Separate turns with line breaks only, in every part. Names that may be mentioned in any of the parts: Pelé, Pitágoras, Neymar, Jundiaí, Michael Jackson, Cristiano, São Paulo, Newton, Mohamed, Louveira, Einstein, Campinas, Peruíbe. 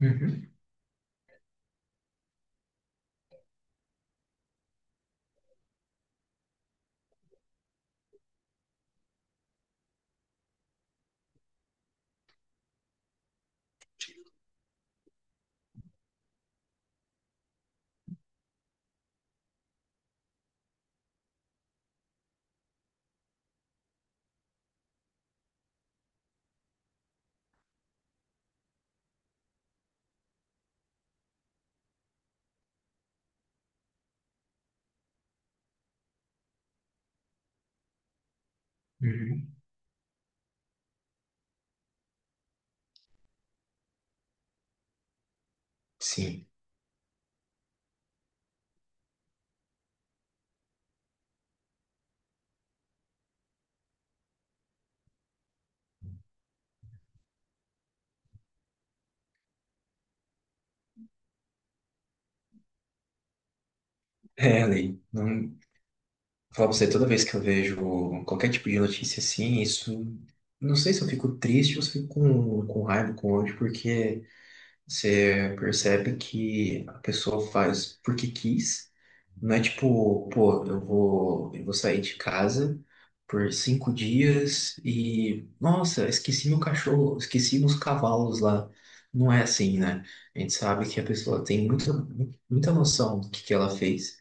Uhum, uhum. Sim, é, Ali. Não, vou falar pra você, toda vez que eu vejo qualquer tipo de notícia assim, isso. Não sei se eu fico triste ou se eu fico com raiva, com ódio, porque. Você percebe que a pessoa faz porque quis. Não é tipo, pô, eu vou sair de casa por 5 dias e, nossa, esqueci meu cachorro, esqueci meus cavalos lá. Não é assim, né? A gente sabe que a pessoa tem muita, muita noção do que ela fez.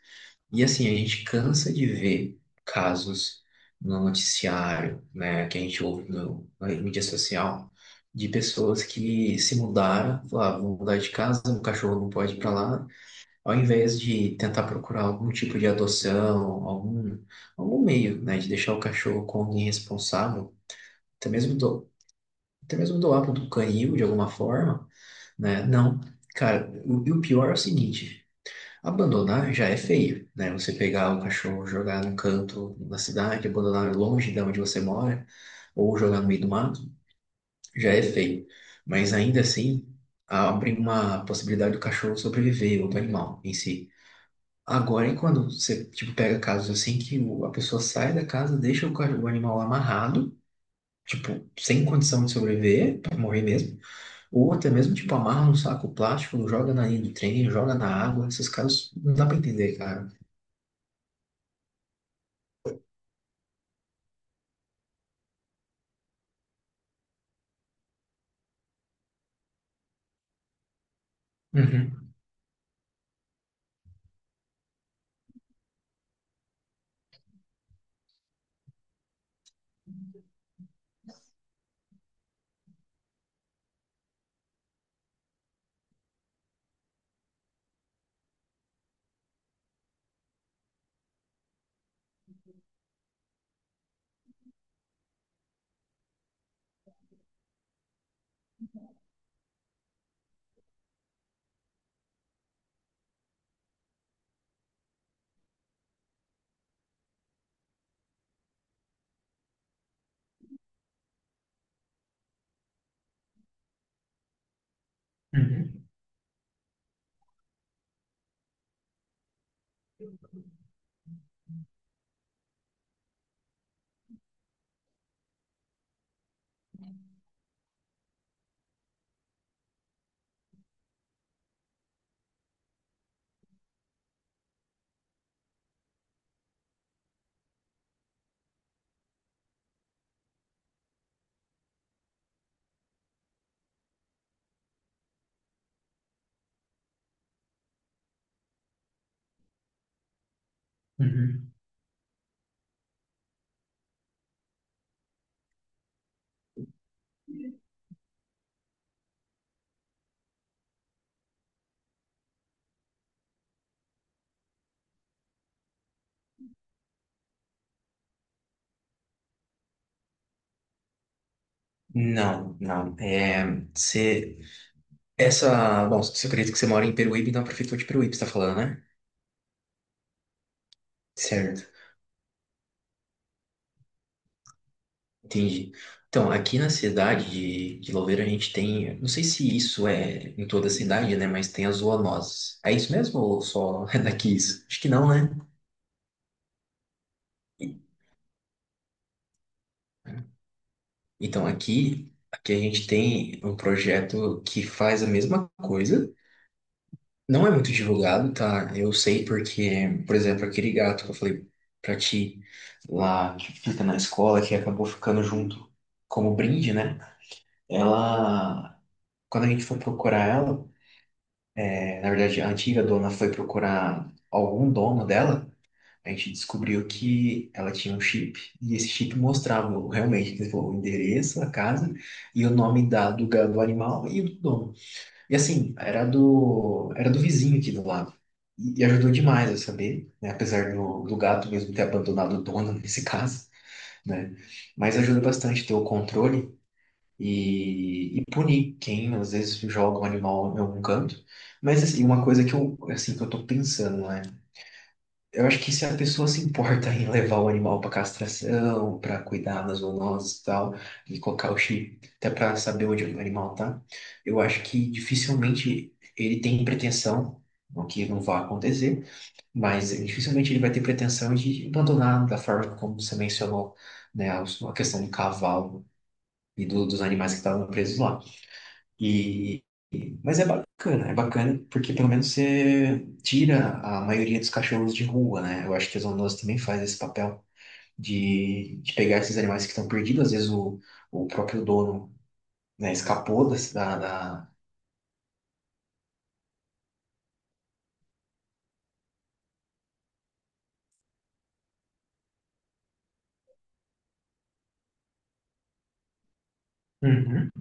E assim, a gente cansa de ver casos no noticiário, né, que a gente ouve no, na mídia social, de pessoas que se mudaram, falaram, ah, vou mudar de casa, o cachorro não pode ir para lá, ao invés de tentar procurar algum tipo de adoção, algum meio, né, de deixar o cachorro com alguém responsável, até mesmo, do, até mesmo doar para um canil de alguma forma, né, não. Cara, e o pior é o seguinte. Abandonar já é feio, né? Você pegar o cachorro, jogar num canto da cidade, abandonar longe de onde você mora, ou jogar no meio do mato, já é feio. Mas ainda assim, abre uma possibilidade do cachorro sobreviver, ou do animal em si. Agora, e quando você, tipo, pega casos assim que a pessoa sai da casa, deixa o animal amarrado, tipo, sem condição de sobreviver, pra morrer mesmo, ou até mesmo, tipo, amarra num saco plástico, joga na linha do trem, joga na água, esses casos não dá pra entender, cara. Uhum. Uhum, uhum. Não, não. É, você, bom, você acredita que você mora em Peruíbe, na prefeitura de Peruíbe, você tá falando, né? Certo, entendi. Então, aqui na cidade de Louveira a gente tem, não sei se isso é em toda a cidade, né? Mas tem as zoonoses. É isso mesmo ou só é daqui isso? Acho que não, né? E- Então, aqui a gente tem um projeto que faz a mesma coisa. Não é muito divulgado, tá? Eu sei porque, por exemplo, aquele gato que eu falei pra ti lá, que fica na escola, que acabou ficando junto como brinde, né? Ela, quando a gente foi procurar ela, na verdade, a antiga dona foi procurar algum dono dela, a gente descobriu que ela tinha um chip, e esse chip mostrava realmente, tipo, o endereço, a casa e o nome do animal e do dono. E assim, era do vizinho aqui do lado. E ajudou demais eu saber, né? Apesar do gato mesmo ter abandonado o dono nesse caso, né? Mas ajuda bastante ter o controle e punir quem às vezes joga um animal em algum canto. Mas assim, uma coisa que eu, assim, que eu tô pensando, né? Eu acho que se a pessoa se importa em levar o animal para castração, para cuidar das zoonoses e tal, e colocar o chip até para saber onde o animal tá, eu acho que dificilmente ele tem pretensão, o que não vai acontecer, mas dificilmente ele vai ter pretensão de abandonar da forma como você mencionou, né, a questão do cavalo e dos animais que estavam presos lá. E, mas é bacana porque pelo menos você tira a maioria dos cachorros de rua, né? Eu acho que a zoonose também faz esse papel de pegar esses animais que estão perdidos. Às vezes o próprio dono, né, escapou da... Uhum.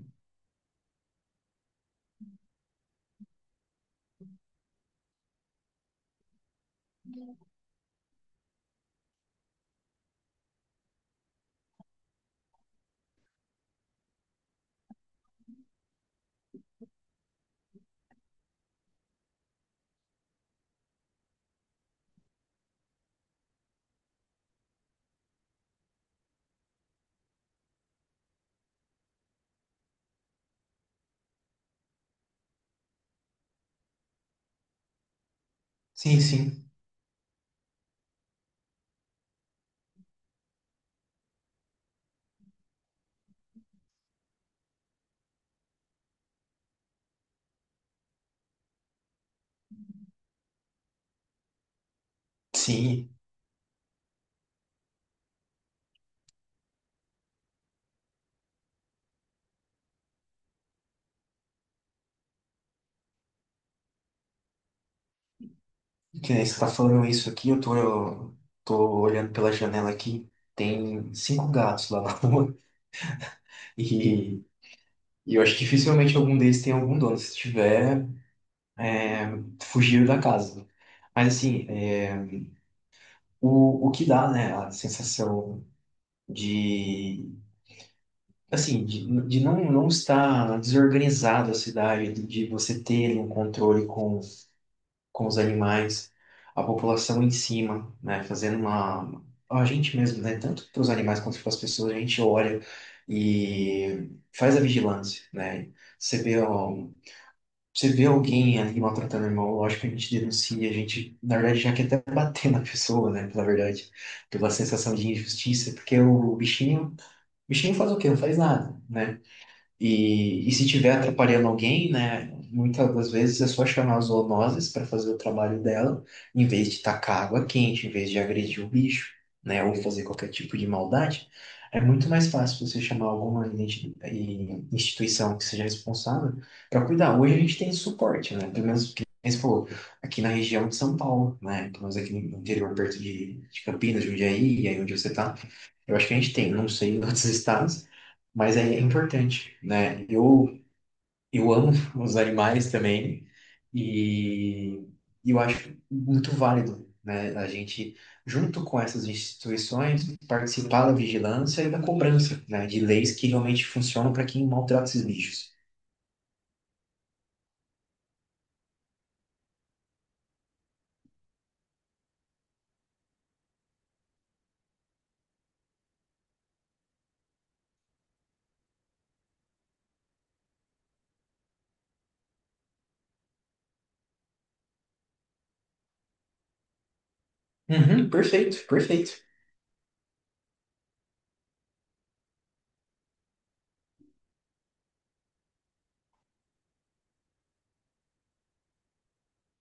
Sim, sim. Sim, que nem você está falando isso aqui, eu tô olhando pela janela aqui, tem cinco gatos lá na rua e, e eu acho que dificilmente algum deles tem algum dono. Se tiver, é, fugiram da casa. Mas assim, o que dá, né, a sensação de, assim, de não, não estar desorganizado a cidade, de você ter um controle com os animais, a população em cima, né, fazendo uma... A gente mesmo, né, tanto para os animais quanto para as pessoas, a gente olha e faz a vigilância, né? Você vê ó, você vê alguém ali maltratando o irmão, lógico que a gente denuncia, a gente, na verdade, já quer até bater na pessoa, né? Pela verdade, pela sensação de injustiça, porque o bichinho faz o quê? Não faz nada, né? E se tiver atrapalhando alguém, né, muitas das vezes é só chamar as zoonoses para fazer o trabalho dela, em vez de tacar água quente, em vez de agredir o bicho, né, ou fazer qualquer tipo de maldade. É muito mais fácil você chamar alguma instituição que seja responsável para cuidar. Hoje a gente tem suporte, né, pelo menos que você falou, aqui na região de São Paulo, né, pelo menos aqui no interior, perto de Campinas, Jundiaí, e aí onde você está. Eu acho que a gente tem, não sei em outros estados, mas é importante, né? Eu amo os animais também e eu acho muito válido, né? A gente, junto com essas instituições, participar da vigilância e da cobrança, né? De leis que realmente funcionam para quem maltrata esses bichos. Uhum, perfeito, perfeito.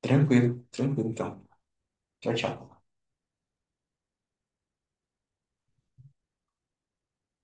Tranquilo, tranquilo então. Tchau, tchau.